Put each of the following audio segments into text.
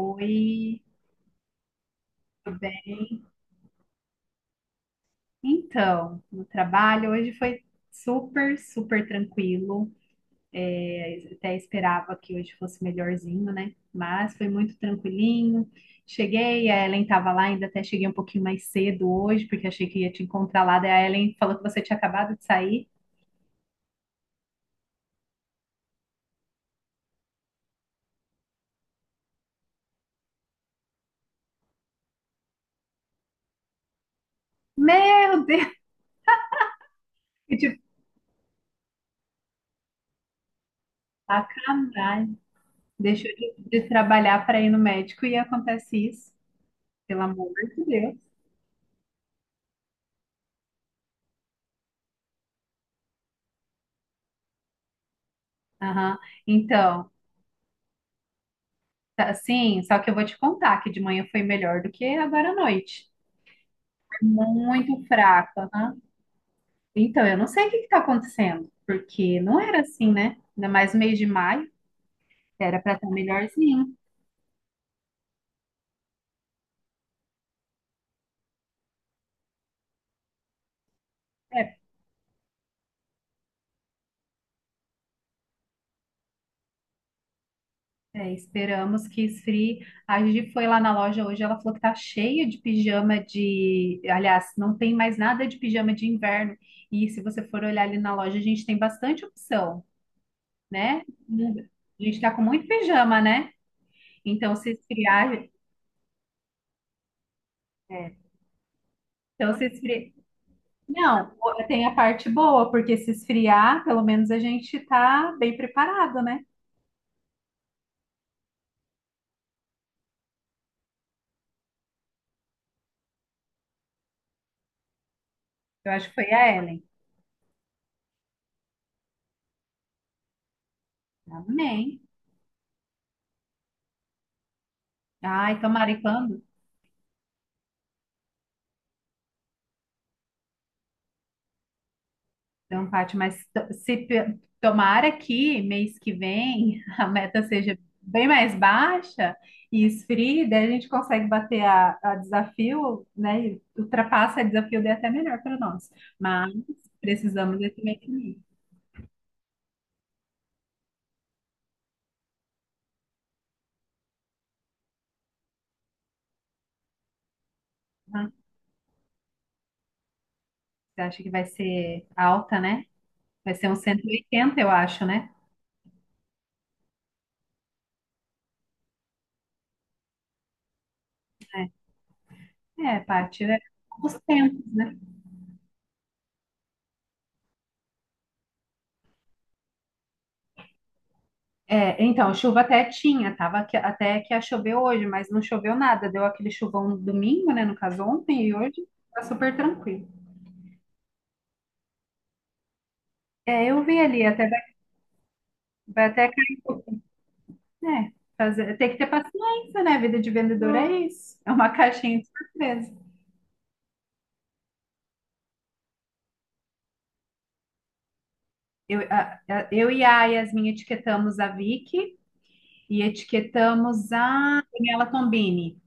Oi, tudo bem? Então, no trabalho hoje foi super, super tranquilo. Eu até esperava que hoje fosse melhorzinho, né? Mas foi muito tranquilinho. Cheguei, a Ellen estava lá, ainda até cheguei um pouquinho mais cedo hoje, porque achei que ia te encontrar lá. Daí a Ellen falou que você tinha acabado de sair. Meu Deus, que de sacanagem. Deixou de trabalhar para ir no médico e acontece isso, pelo amor de Deus. Aham. Então. Tá, sim, só que eu vou te contar que de manhã foi melhor do que agora à noite. É muito fraca, né? Então, eu não sei o que está acontecendo, porque não era assim, né? Ainda mais no mês de maio, era para estar melhorzinho. É, é, esperamos que esfrie. A Gi foi lá na loja hoje, ela falou que tá cheia de pijama de. Aliás, não tem mais nada de pijama de inverno. E se você for olhar ali na loja, a gente tem bastante opção, né? A gente tá com muito pijama, né? Então, se esfriar. Então, se esfri... Não, tem a parte boa, porque se esfriar, pelo menos a gente tá bem preparado, né? Eu acho que foi a Ellen. Amém. Ai, tomara e quando? Então, Paty, mas to- se pe- tomara que mês que vem a meta seja bem mais baixa e esfrie, daí a gente consegue bater a desafio, né? E ultrapassa a desafio, daí é até melhor para nós. Mas precisamos desse mês que vem. Né? Você acha que vai ser alta, né? Vai ser uns 180, eu acho, né? É, parte né, dos tempos, né? É, então, chuva até tinha, tava até que ia chover hoje, mas não choveu nada. Deu aquele chuvão no domingo, né? No caso, ontem e hoje, tá super tranquilo. É, eu vi ali, vai até cair um pouco. É, fazer, tem que ter paciência, né? Vida de vendedor é isso. É uma caixinha de surpresa. Eu e a Yasmin etiquetamos a Vicky e etiquetamos a Daniela Tombini.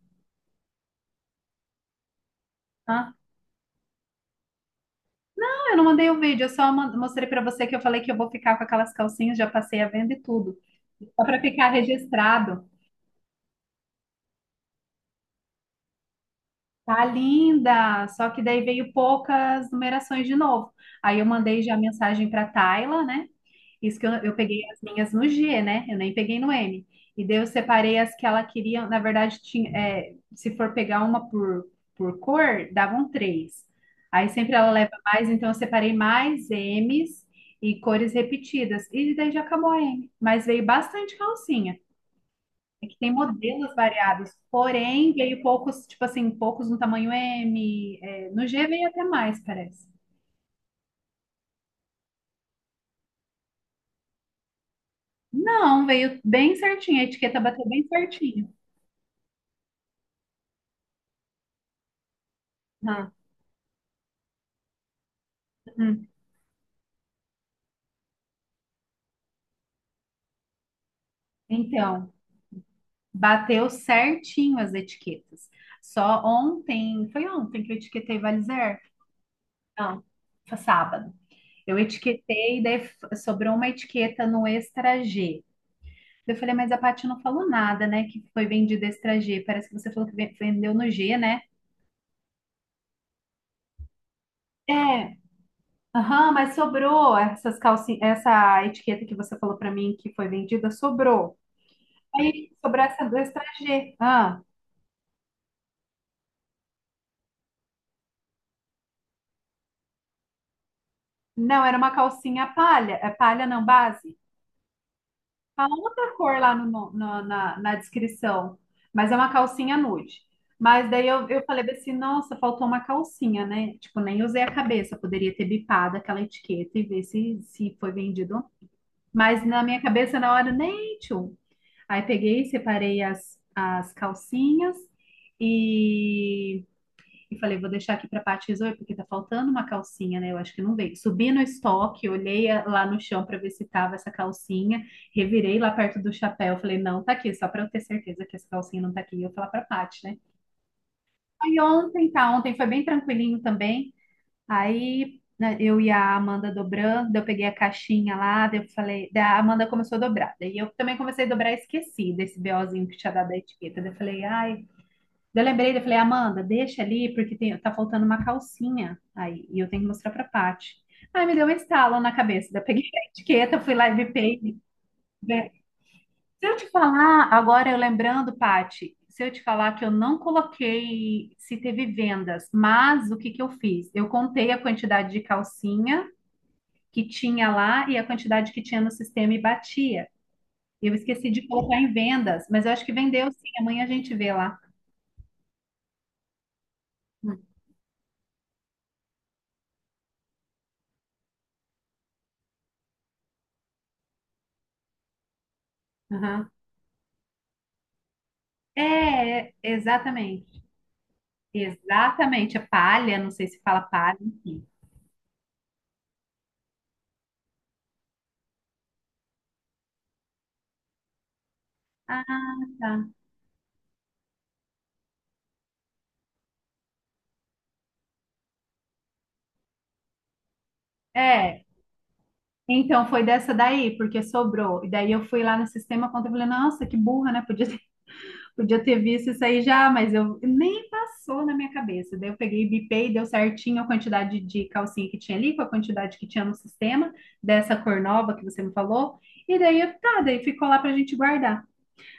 Tá? Ah, eu não mandei o vídeo, eu só mostrei pra você que eu falei que eu vou ficar com aquelas calcinhas, já passei a venda e tudo. Só pra ficar registrado. Tá linda! Só que daí veio poucas numerações de novo. Aí eu mandei já mensagem pra Tayla, né? Isso que eu peguei as minhas no G, né? Eu nem peguei no M. E daí eu separei as que ela queria. Na verdade, tinha, é, se for pegar uma por cor, davam três. Aí sempre ela leva mais, então eu separei mais M's e cores repetidas. E daí já acabou a M. Mas veio bastante calcinha. É que tem modelos variados, porém veio poucos, tipo assim, poucos no tamanho M. É, no G veio até mais, parece. Não, veio bem certinho, a etiqueta bateu bem certinho. Ah. Então, bateu certinho as etiquetas. Só ontem, foi ontem que eu etiquetei Valizer? Não, foi sábado. Eu etiquetei, daí sobrou uma etiqueta no Extra G. Eu falei, mas a Paty não falou nada, né? Que foi vendido Extra G. Parece que você falou que vendeu no G, né? É, aham, mas sobrou essas calcinhas, essa etiqueta que você falou pra mim que foi vendida, sobrou. Aí sobrou essa do Extra G. Ah, não, era uma calcinha palha, é palha não, base. Fala outra cor lá na descrição, mas é uma calcinha nude. Mas daí eu falei bem assim, nossa, faltou uma calcinha, né? Tipo, nem usei a cabeça, poderia ter bipado aquela etiqueta e ver se foi vendido ou não. Mas na minha cabeça, na hora, nem tchum. Aí peguei, separei as calcinhas e e falei, vou deixar aqui para a Paty resolver, porque tá faltando uma calcinha, né? Eu acho que não veio. Subi no estoque, olhei lá no chão para ver se tava essa calcinha, revirei lá perto do chapéu, falei, não, tá aqui, só para eu ter certeza que essa calcinha não tá aqui. E eu falar para a Paty, né? Aí ontem, tá, ontem foi bem tranquilinho também. Aí né, eu e a Amanda dobrando, daí eu peguei a caixinha lá, daí eu falei, daí a Amanda começou a dobrar. Daí eu também comecei a dobrar e esqueci desse BOzinho que tinha dado a etiqueta. Daí eu falei, ai. Daí eu lembrei, eu falei, Amanda, deixa ali, porque tem, tá faltando uma calcinha aí, e eu tenho que mostrar pra Paty. Aí me deu um estalo na cabeça, daí eu peguei a etiqueta, fui lá e bipei. Né? Se eu te falar, agora eu lembrando, Paty, se eu te falar que eu não coloquei se teve vendas, mas o que que eu fiz? Eu contei a quantidade de calcinha que tinha lá e a quantidade que tinha no sistema e batia. Eu esqueci de colocar em vendas, mas eu acho que vendeu sim, amanhã a gente vê lá. Uhum. É, é, exatamente. Exatamente. A palha, não sei se fala palha, enfim. Ah, tá. É. Então foi dessa daí, porque sobrou. E daí eu fui lá no sistema conta e falei, nossa, que burra, né? Podia ter, podia ter visto isso aí já, mas eu nem passou na minha cabeça. Daí eu peguei e bipei, deu certinho a quantidade de calcinha que tinha ali, com a quantidade que tinha no sistema, dessa cor nova que você me falou. E daí, tá, daí ficou lá pra gente guardar.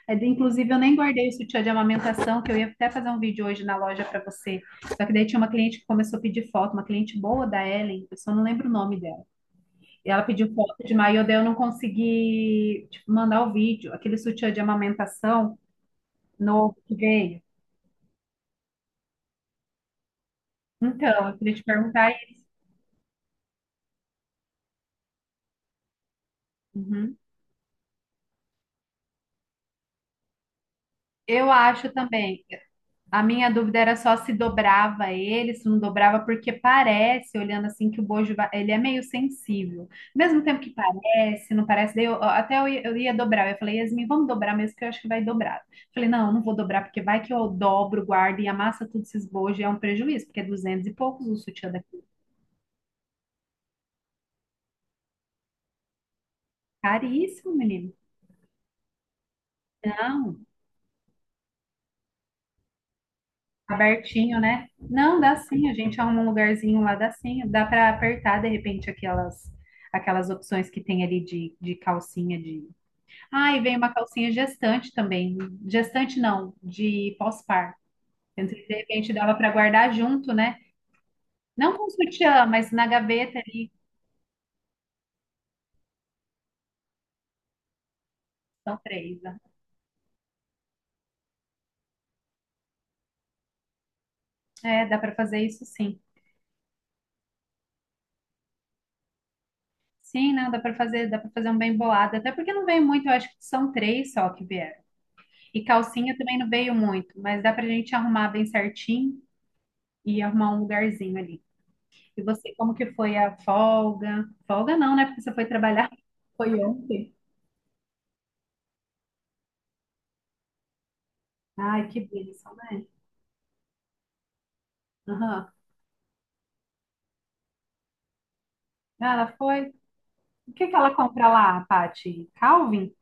Mas, inclusive, eu nem guardei o sutiã de amamentação, que eu ia até fazer um vídeo hoje na loja para você. Só que daí tinha uma cliente que começou a pedir foto, uma cliente boa da Ellen, eu só não lembro o nome dela. E ela pediu foto de maiô, daí eu não consegui, tipo, mandar o vídeo, aquele sutiã de amamentação novo que veio. Então, eu queria te perguntar isso. Uhum. Eu acho também, a minha dúvida era só se dobrava ele, se não dobrava, porque parece, olhando assim, que o bojo, ele é meio sensível. Ao mesmo tempo que parece, não parece, daí ó, até eu ia dobrar. Eu falei, Yasmin, vamos dobrar mesmo, que eu acho que vai dobrar. Falei, não, eu não vou dobrar, porque vai que eu dobro, guardo e amassa tudo esses bojos, e é um prejuízo, porque é 200 e poucos, o sutiã daqui é caríssimo, menino. Não. Abertinho, né? Não, dá sim, a gente arruma um lugarzinho lá, dá sim. Dá para apertar, de repente, aquelas opções que tem ali de calcinha de... Ah, e vem uma calcinha gestante também. Gestante não, de pós-par. Então, de repente dava para guardar junto, né? Não com sutiã, mas na gaveta ali, são três, né? É, dá para fazer isso sim. Sim, não, dá para fazer um bem bolado, até porque não vem muito, eu acho que são três só que vieram. E calcinha também não veio muito, mas dá pra gente arrumar bem certinho e arrumar um lugarzinho ali. E você, como que foi a folga? Folga não, né? Porque você foi trabalhar. Foi ontem. Ai, que bênção, né? Aham. Ela foi. O que que ela compra lá, Paty? Calvin?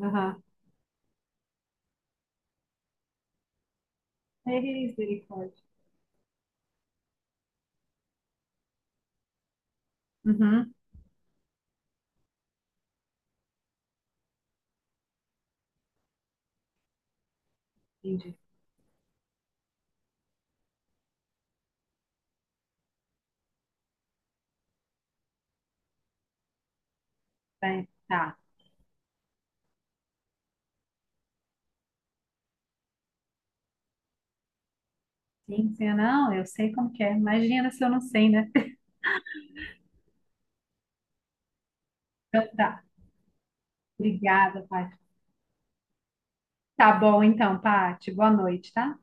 Aham. Ei, misericórdia. Uhum. Entendi. Bem, tá. Sim, sim, não, eu sei como que é. Imagina se eu não sei, né? Então tá. Obrigada, Paty. Tá bom então, Paty. Boa noite, tá?